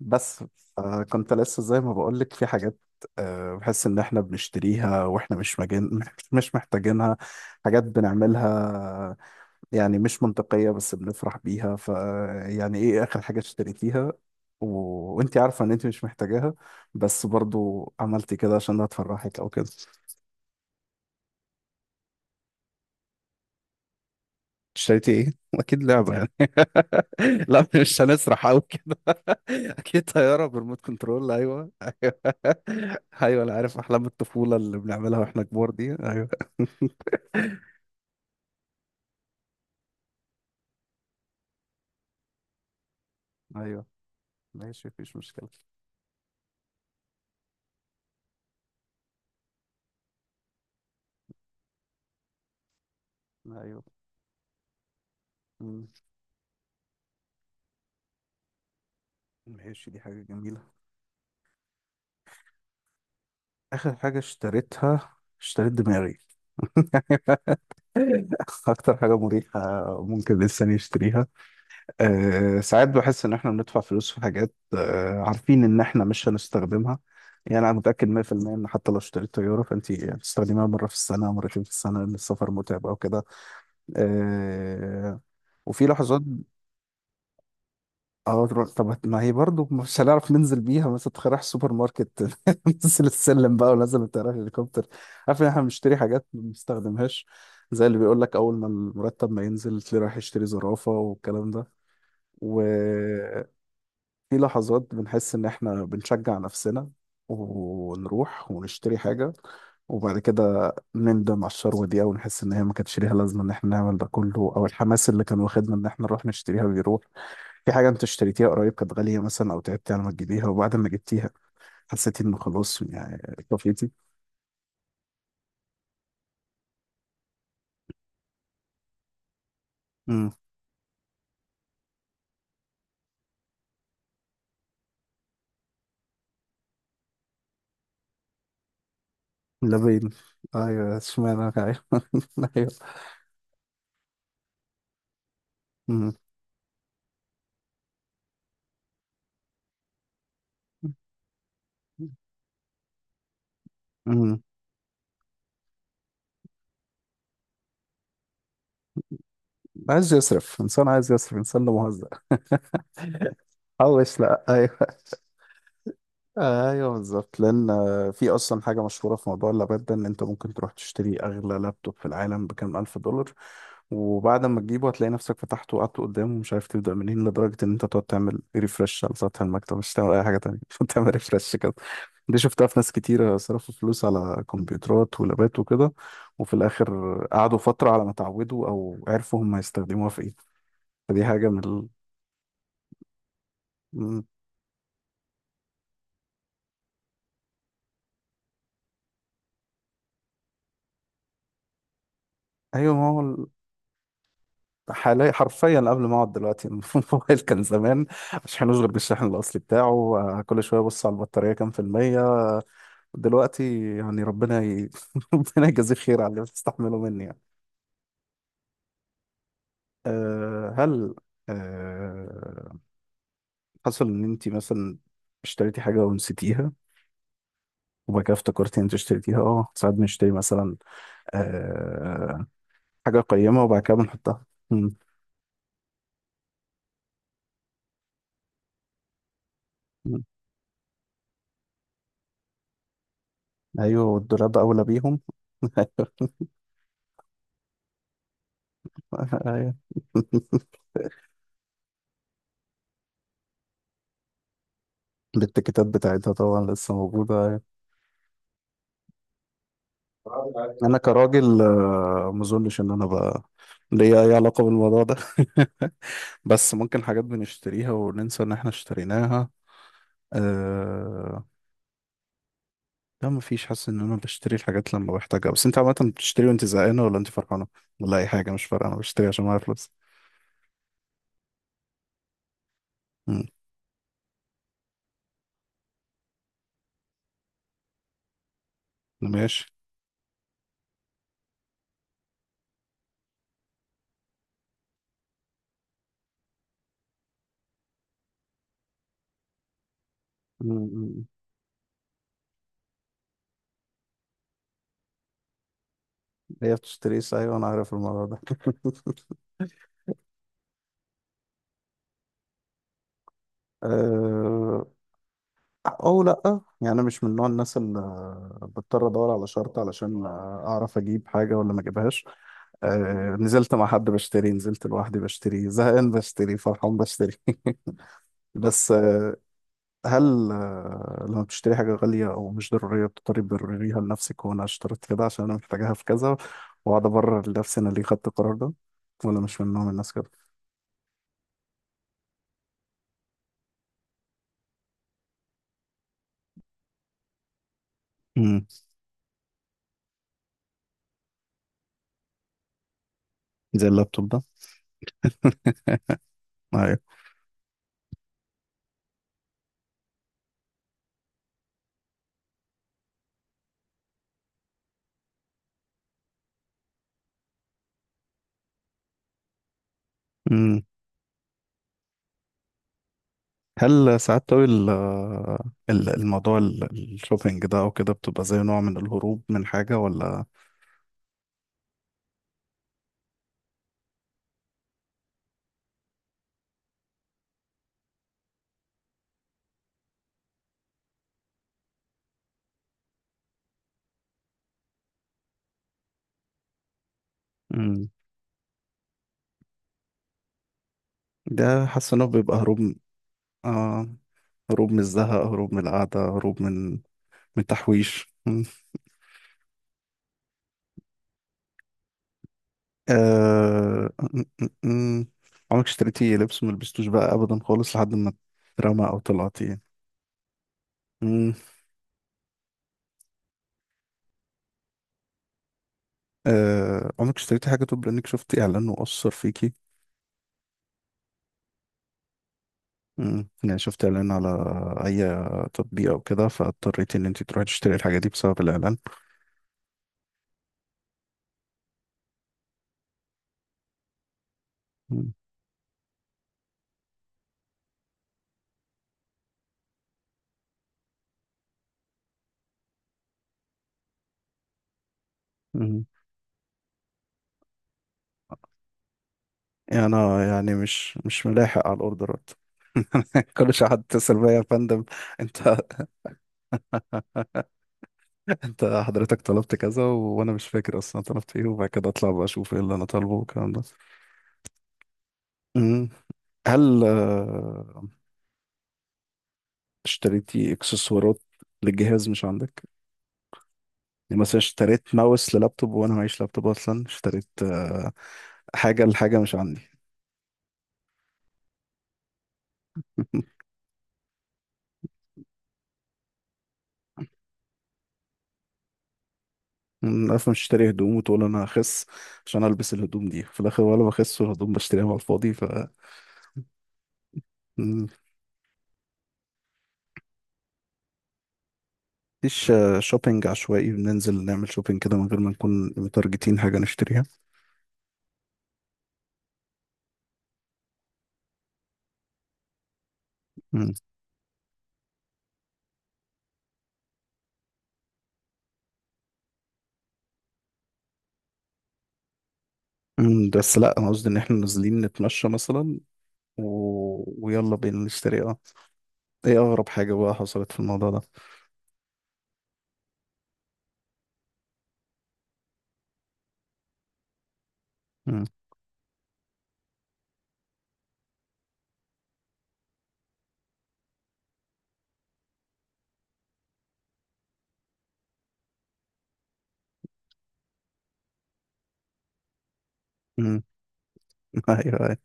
بس كنت لسه زي ما بقولك في حاجات. بحس ان احنا بنشتريها واحنا مش مجين، مش محتاجينها، حاجات بنعملها يعني مش منطقية بس بنفرح بيها. ف يعني ايه اخر حاجة اشتريتيها؟ و... وانت عارفة ان انت مش محتاجاها بس برضو عملتي كده عشان هتفرحك او كده. اشتريتي ايه؟ اكيد لعبة يعني لا مش هنسرح قوي كده. اكيد طيارة بريموت كنترول، ايوه. ايوه انا عارف احلام الطفوله اللي بنعملها واحنا كبار دي، ايوه. ايوه ماشي، مفيش مشكله. ايوه. مم. ماشي، دي حاجه جميله. اخر حاجه اشتريتها اشتريت دماغي اكتر حاجه مريحه ممكن الانسان يشتريها. أه ساعات بحس ان احنا بندفع فلوس في حاجات أه عارفين ان احنا مش هنستخدمها. يعني انا متاكد 100% ان حتى لو اشتريت طياره فانت هتستخدميها مره في السنه، مرتين في السنه، ان السفر متعب او كده. آه، وفي لحظات. اه طب ما هي برضه مش هنعرف ننزل بيها، مثلا تخيل رايح السوبر ماركت ننزل السلم بقى ونزل من طيارة الهليكوبتر. عارف ان احنا بنشتري حاجات ما بنستخدمهاش، زي اللي بيقول لك اول ما المرتب ما ينزل تلاقيه رايح يشتري زرافة والكلام ده. و في لحظات بنحس إن إحنا بنشجع نفسنا ونروح ونشتري حاجة، وبعد كده نندم على الشروة دي أو نحس إن هي ما كانتش ليها لازمة إن إحنا نعمل ده كله، أو الحماس اللي كان واخدنا إن إحنا نروح نشتريها بيروح. في حاجة أنت اشتريتيها قريب كانت غالية مثلا أو تعبتي على ما تجيبيها وبعد ما جبتيها حسيتي إنه خلاص يعني طفيتي؟ امم. لا باين، أيوه اشمعنى، أيوه أيوه. أمم. أمم. عايز يصرف إنسان، عايز يصرف إنسان، لا مهزأ حوش، لا أيوه. ايوه بالظبط، لان في اصلا حاجه مشهوره في موضوع اللابات ده ان انت ممكن تروح تشتري اغلى لابتوب في العالم بكام الف دولار، وبعد ما تجيبه هتلاقي نفسك فتحته وقعدت قدامه ومش عارف تبدا منين، لدرجه ان انت تقعد تعمل ريفرش على سطح المكتب مش تعمل اي حاجه تانية تعمل ريفرش كده. دي شفتها في ناس كتيرة صرفوا فلوس على كمبيوترات ولابات وكده، وفي الآخر قعدوا فترة على ما اتعودوا أو عرفوا هم هيستخدموها في إيه. فدي حاجة من ال... مم. أيوة ما هو حاليا حرفيا قبل ما اقعد دلوقتي الموبايل كان زمان مش هنوش غير بالشحن الاصلي بتاعه، كل شويه ابص على البطاريه كام في الميه، دلوقتي يعني ربنا يجازيه خير على اللي بتستحمله مني يعني. أه هل، أه، حصل ان انت مثلا اشتريتي حاجه ونسيتيها وبعد كده افتكرتي ان انت اشتريتيها؟ اه ساعات بنشتري مثلا أه حاجه قيمه وبعد كده بنحطها. مم. مم. ايوه والدولاب اولى بيهم ايوه الاتيكيتات بتاعتها طبعا لسه موجودة. أنا كراجل ما أظنش إن أنا بقى ليا أي علاقة بالموضوع ده بس ممكن حاجات بنشتريها وننسى إن إحنا اشتريناها. أه... لا مفيش، حاسس إن أنا بشتري الحاجات لما بحتاجها. بس أنت عامة بتشتري وأنت زهقانة ولا أنت فرحانة ولا أي حاجة مش فارقة؟ أنا بشتري عشان معايا فلوس. مم. ماشي. مم. هي بتشتري، أيوة أنا عارف الموضوع ده أه... او لا، يعني انا مش من نوع الناس اللي بضطر ادور على شرط علشان اعرف اجيب حاجه ولا ما اجيبهاش. نزلت مع حد بشتري، نزلت لوحدي بشتري، زهقان بشتري، فرحان بشتري بس هل لما بتشتري حاجه غاليه او مش ضروريه بتضطري تبرريها لنفسك، وانا اشتريت كده عشان انا محتاجاها في كذا، واقعد ابرر لنفسي انا ليه خدت القرار ده، ولا مش من نوع الناس كده؟ امم. زي اللابتوب ده. ايوه. مم. هل ساعات قوي الموضوع الشوبينج ده او كده بتبقى زي نوع من الهروب من حاجة ولا؟ مم. ده حاسس انه بيبقى آه، هروب من الزهق، هروب من القعدة، هروب من من تحويش. مم. آه... م- م- م. عمرك اشتريتي لبس ملبستوش بقى ابدا خالص لحد ما اترمى او طلعتي؟ مم. عمرك اشتريتي حاجة طب لانك شفتي اعلان وأثر فيكي؟ مم. يعني شفت اعلان على اي تطبيق او كده فاضطريت ان انت تروحي تشتري الحاجه دي بسبب الاعلان؟ مم. مم. يعني انا يعني مش ملاحق على الاوردرات كل شويه حد يتصل بيا: يا فندم انت انت حضرتك طلبت كذا، وانا مش فاكر اصلا طلبت ايه، وبعد كده اطلع بقى اشوف ايه اللي انا طالبه والكلام ده. مم. هل اشتريتي اكسسوارات للجهاز مش عندك؟ يعني مثلا اشتريت ماوس للابتوب وانا معيش لابتوب اصلا، اشتريت حاجه لحاجه مش عندي. عارف مش اشتري هدوم وتقول انا هخس عشان البس الهدوم دي في الاخر، ولا بخس والهدوم بشتريها على الفاضي. ف مم. مفيش شوبينج عشوائي بننزل نعمل شوبينج كده من غير ما نكون متارجتين حاجه نشتريها؟ مم. مم، بس لا انا قصدي ان احنا نازلين نتمشى مثلا و... ويلا بينا نشتري. اه، ايه اغرب حاجه بقى حصلت في الموضوع ده؟ مم. مم. ايوه.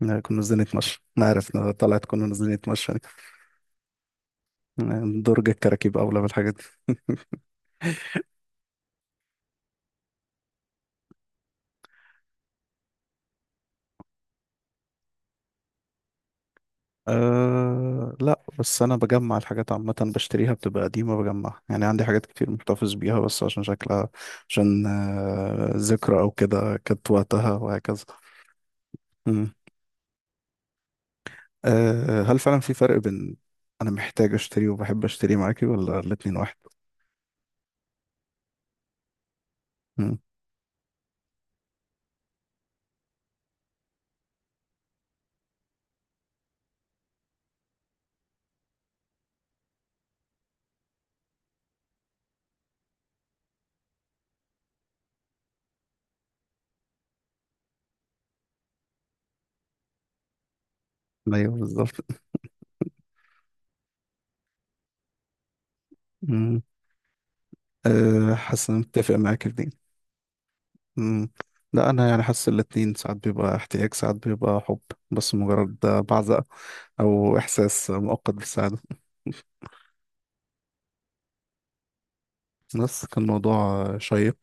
لا، كنا نازلين نتمشى ما عرفنا طلعت كنا نازلين نتمشى. يعني درج الكراكيب أولى بالحاجات دي. أه لا، بس أنا بجمع الحاجات عامة، بشتريها بتبقى قديمة بجمعها، يعني عندي حاجات كتير محتفظ بيها بس عشان شكلها، عشان ذكرى أو كده كانت وقتها وهكذا. مم. أه هل فعلا في فرق بين أنا محتاج أشتري وبحب أشتري معاكي، ولا الاتنين واحد؟ مم. أيوه بالظبط. مم. أه حاسس إن أنا متفق معاكي في دي. مم. لا انا يعني حاسس الاتنين، ساعات بيبقى احتياج ساعات بيبقى حب، بس مجرد بعزة او احساس مؤقت بالسعادة. بس كان موضوع شيق.